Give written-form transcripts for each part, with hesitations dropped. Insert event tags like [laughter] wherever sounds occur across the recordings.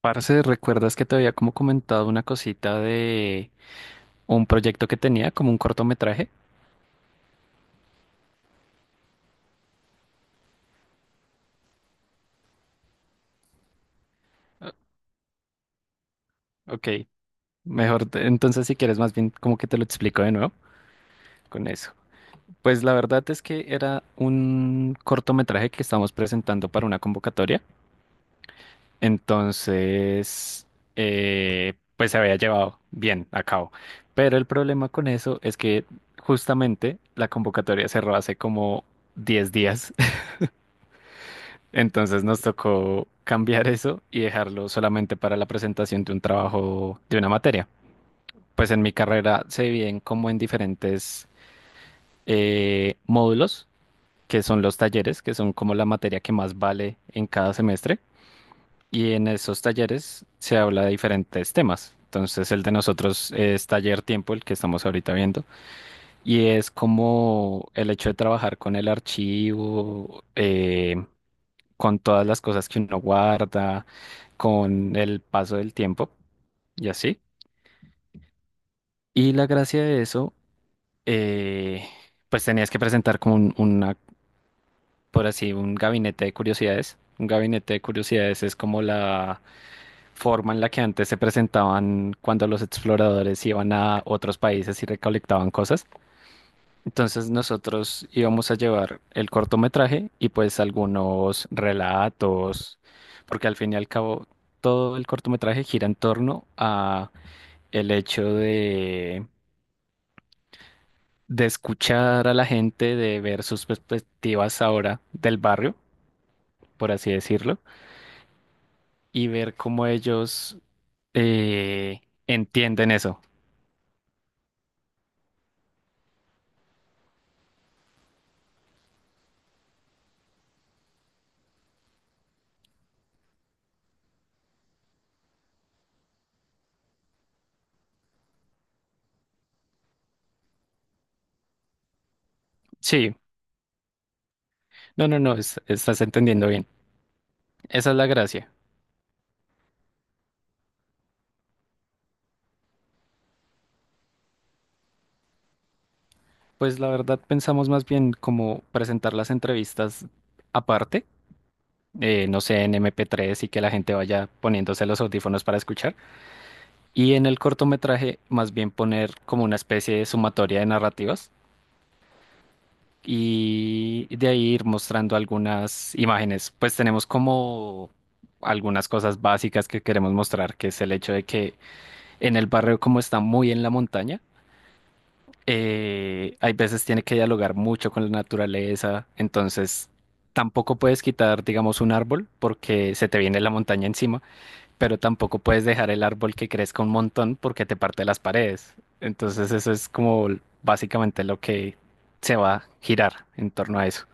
Parce, ¿recuerdas que te había como comentado una cosita de un proyecto que tenía, como un cortometraje? Ah, Ok, mejor, entonces si quieres más bien como que te lo explico de nuevo con eso. Pues la verdad es que era un cortometraje que estábamos presentando para una convocatoria, entonces pues se había llevado bien a cabo. Pero el problema con eso es que justamente la convocatoria cerró hace como 10 días. Entonces nos tocó cambiar eso y dejarlo solamente para la presentación de un trabajo, de una materia. Pues en mi carrera se dividen como en diferentes módulos, que son los talleres, que son como la materia que más vale en cada semestre. Y en esos talleres se habla de diferentes temas. Entonces el de nosotros es taller tiempo, el que estamos ahorita viendo, y es como el hecho de trabajar con el archivo, con todas las cosas que uno guarda, con el paso del tiempo y así. Y la gracia de eso, eh, pues tenías que presentar como una, por así, un gabinete de curiosidades. Un gabinete de curiosidades es como la forma en la que antes se presentaban cuando los exploradores iban a otros países y recolectaban cosas. Entonces nosotros íbamos a llevar el cortometraje y pues algunos relatos, porque al fin y al cabo todo el cortometraje gira en torno a el hecho de escuchar a la gente, de ver sus perspectivas ahora del barrio, por así decirlo, y ver cómo ellos eh, entienden eso. Sí, no, no, no, es- estás entendiendo bien. Esa es la gracia. Pues la verdad pensamos más bien como presentar las entrevistas aparte, no sé, en MP3 y que la gente vaya poniéndose los audífonos para escuchar. Y en el cortometraje más bien poner como una especie de sumatoria de narrativas y de ahí ir mostrando algunas imágenes. Pues tenemos como algunas cosas básicas que queremos mostrar, que es el hecho de que en el barrio como está muy en la montaña, hay veces tiene que dialogar mucho con la naturaleza, entonces tampoco puedes quitar, digamos, un árbol porque se te viene la montaña encima, pero tampoco puedes dejar el árbol que crezca un montón porque te parte las paredes. Entonces eso es como básicamente lo que se va a girar en torno a eso.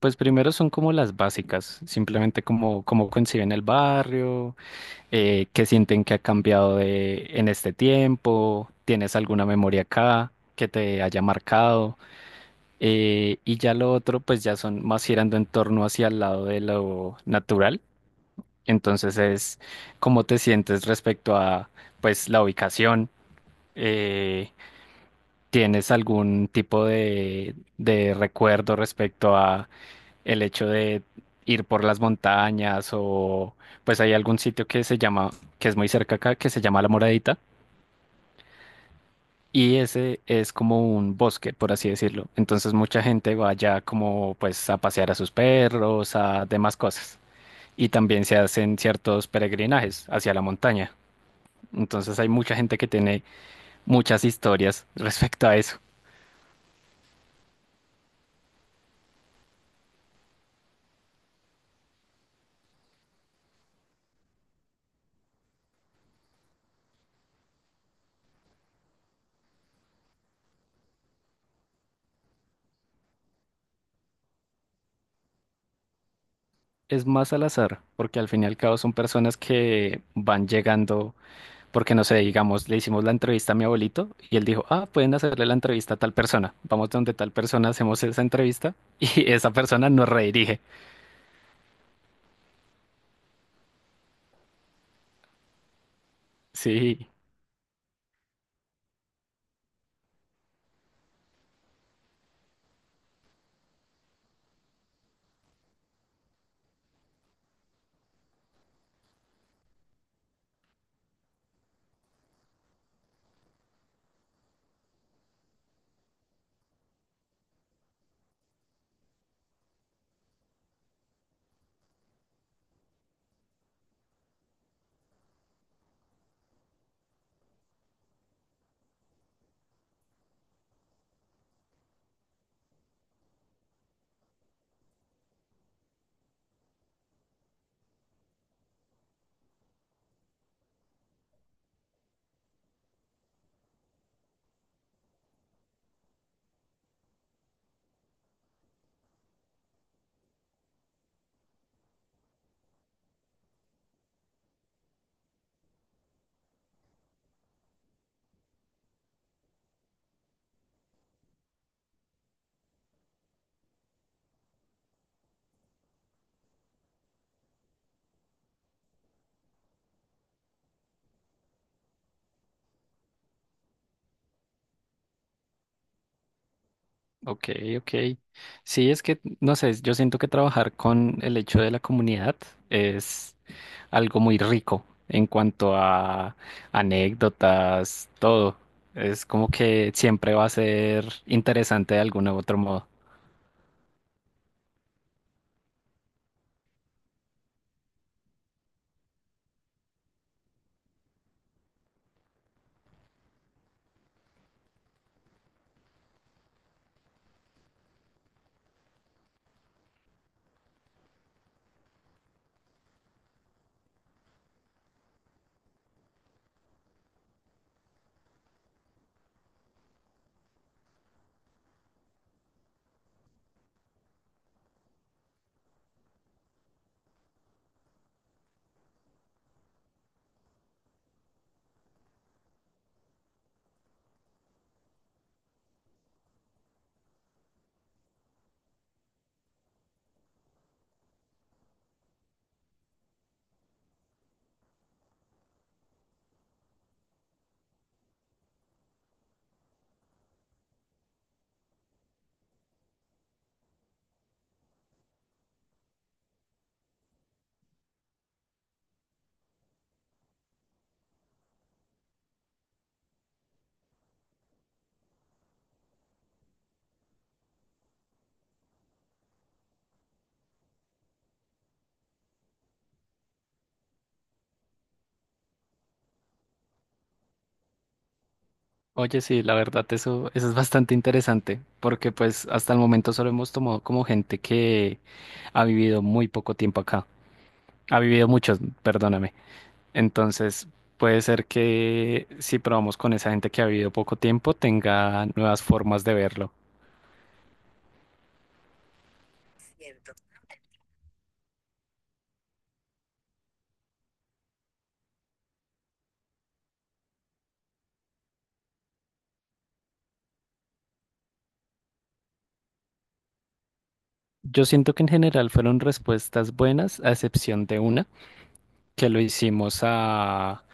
Pues primero son como las básicas, simplemente como cómo conciben el barrio, qué sienten que ha cambiado en este tiempo, tienes alguna memoria acá que te haya marcado, y ya lo otro, pues ya son más girando en torno hacia el lado de lo natural, entonces es cómo te sientes respecto a, pues, la ubicación, eh, tienes algún tipo de recuerdo respecto a el hecho de ir por las montañas o pues hay algún sitio que se llama, que es muy cerca acá, que se llama La Moradita. Y ese es como un bosque, por así decirlo. Entonces mucha gente va allá como pues a pasear a sus perros, a demás cosas. Y también se hacen ciertos peregrinajes hacia la montaña. Entonces hay mucha gente que tiene muchas historias [laughs] respecto a eso. Es más al azar, porque al fin y al cabo son personas que van llegando, porque no sé, digamos, le hicimos la entrevista a mi abuelito y él dijo, ah, pueden hacerle la entrevista a tal persona. Vamos donde tal persona, hacemos esa entrevista y [laughs] esa persona nos redirige. Sí. Ok, ok. Sí, es que, no sé, yo siento que trabajar con el hecho de la comunidad es algo muy rico en cuanto a anécdotas, todo. Es como que siempre va a ser interesante de algún u otro modo. Oye, sí, la verdad, eso es bastante interesante, porque pues hasta el momento solo hemos tomado como gente que ha vivido muy poco tiempo acá. Ha vivido muchos, perdóname. Entonces, puede ser que si probamos con esa gente que ha vivido poco tiempo, tenga nuevas formas de verlo. Yo siento que en general fueron respuestas buenas, a excepción de una, que lo hicimos a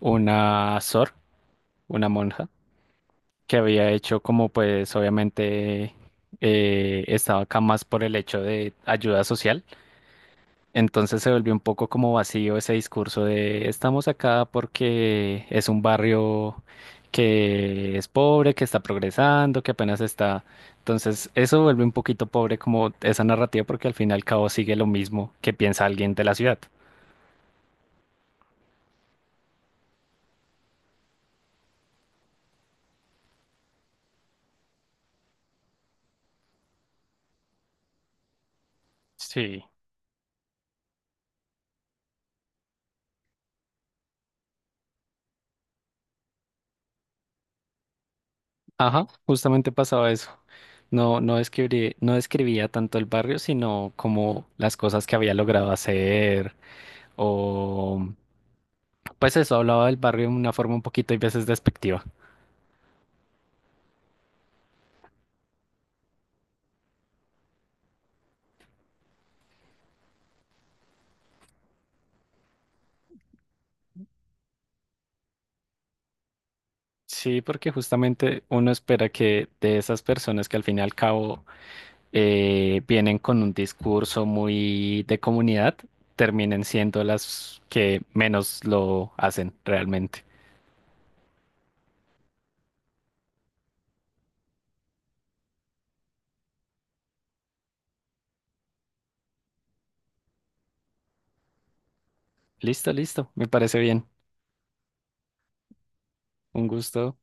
una sor, una monja, que había hecho como pues obviamente estaba acá más por el hecho de ayuda social. Entonces se volvió un poco como vacío ese discurso de estamos acá porque es un barrio que es pobre, que está progresando, que apenas está. Entonces eso vuelve un poquito pobre como esa narrativa porque al fin y al cabo sigue lo mismo que piensa alguien de la ciudad. Sí, ajá, justamente pasaba eso. No describía tanto el barrio, sino como las cosas que había logrado hacer o pues eso, hablaba del barrio de una forma un poquito y veces despectiva. Sí, porque justamente uno espera que de esas personas que al fin y al cabo vienen con un discurso muy de comunidad, terminen siendo las que menos lo hacen realmente. Listo, listo, me parece bien. Un gusto.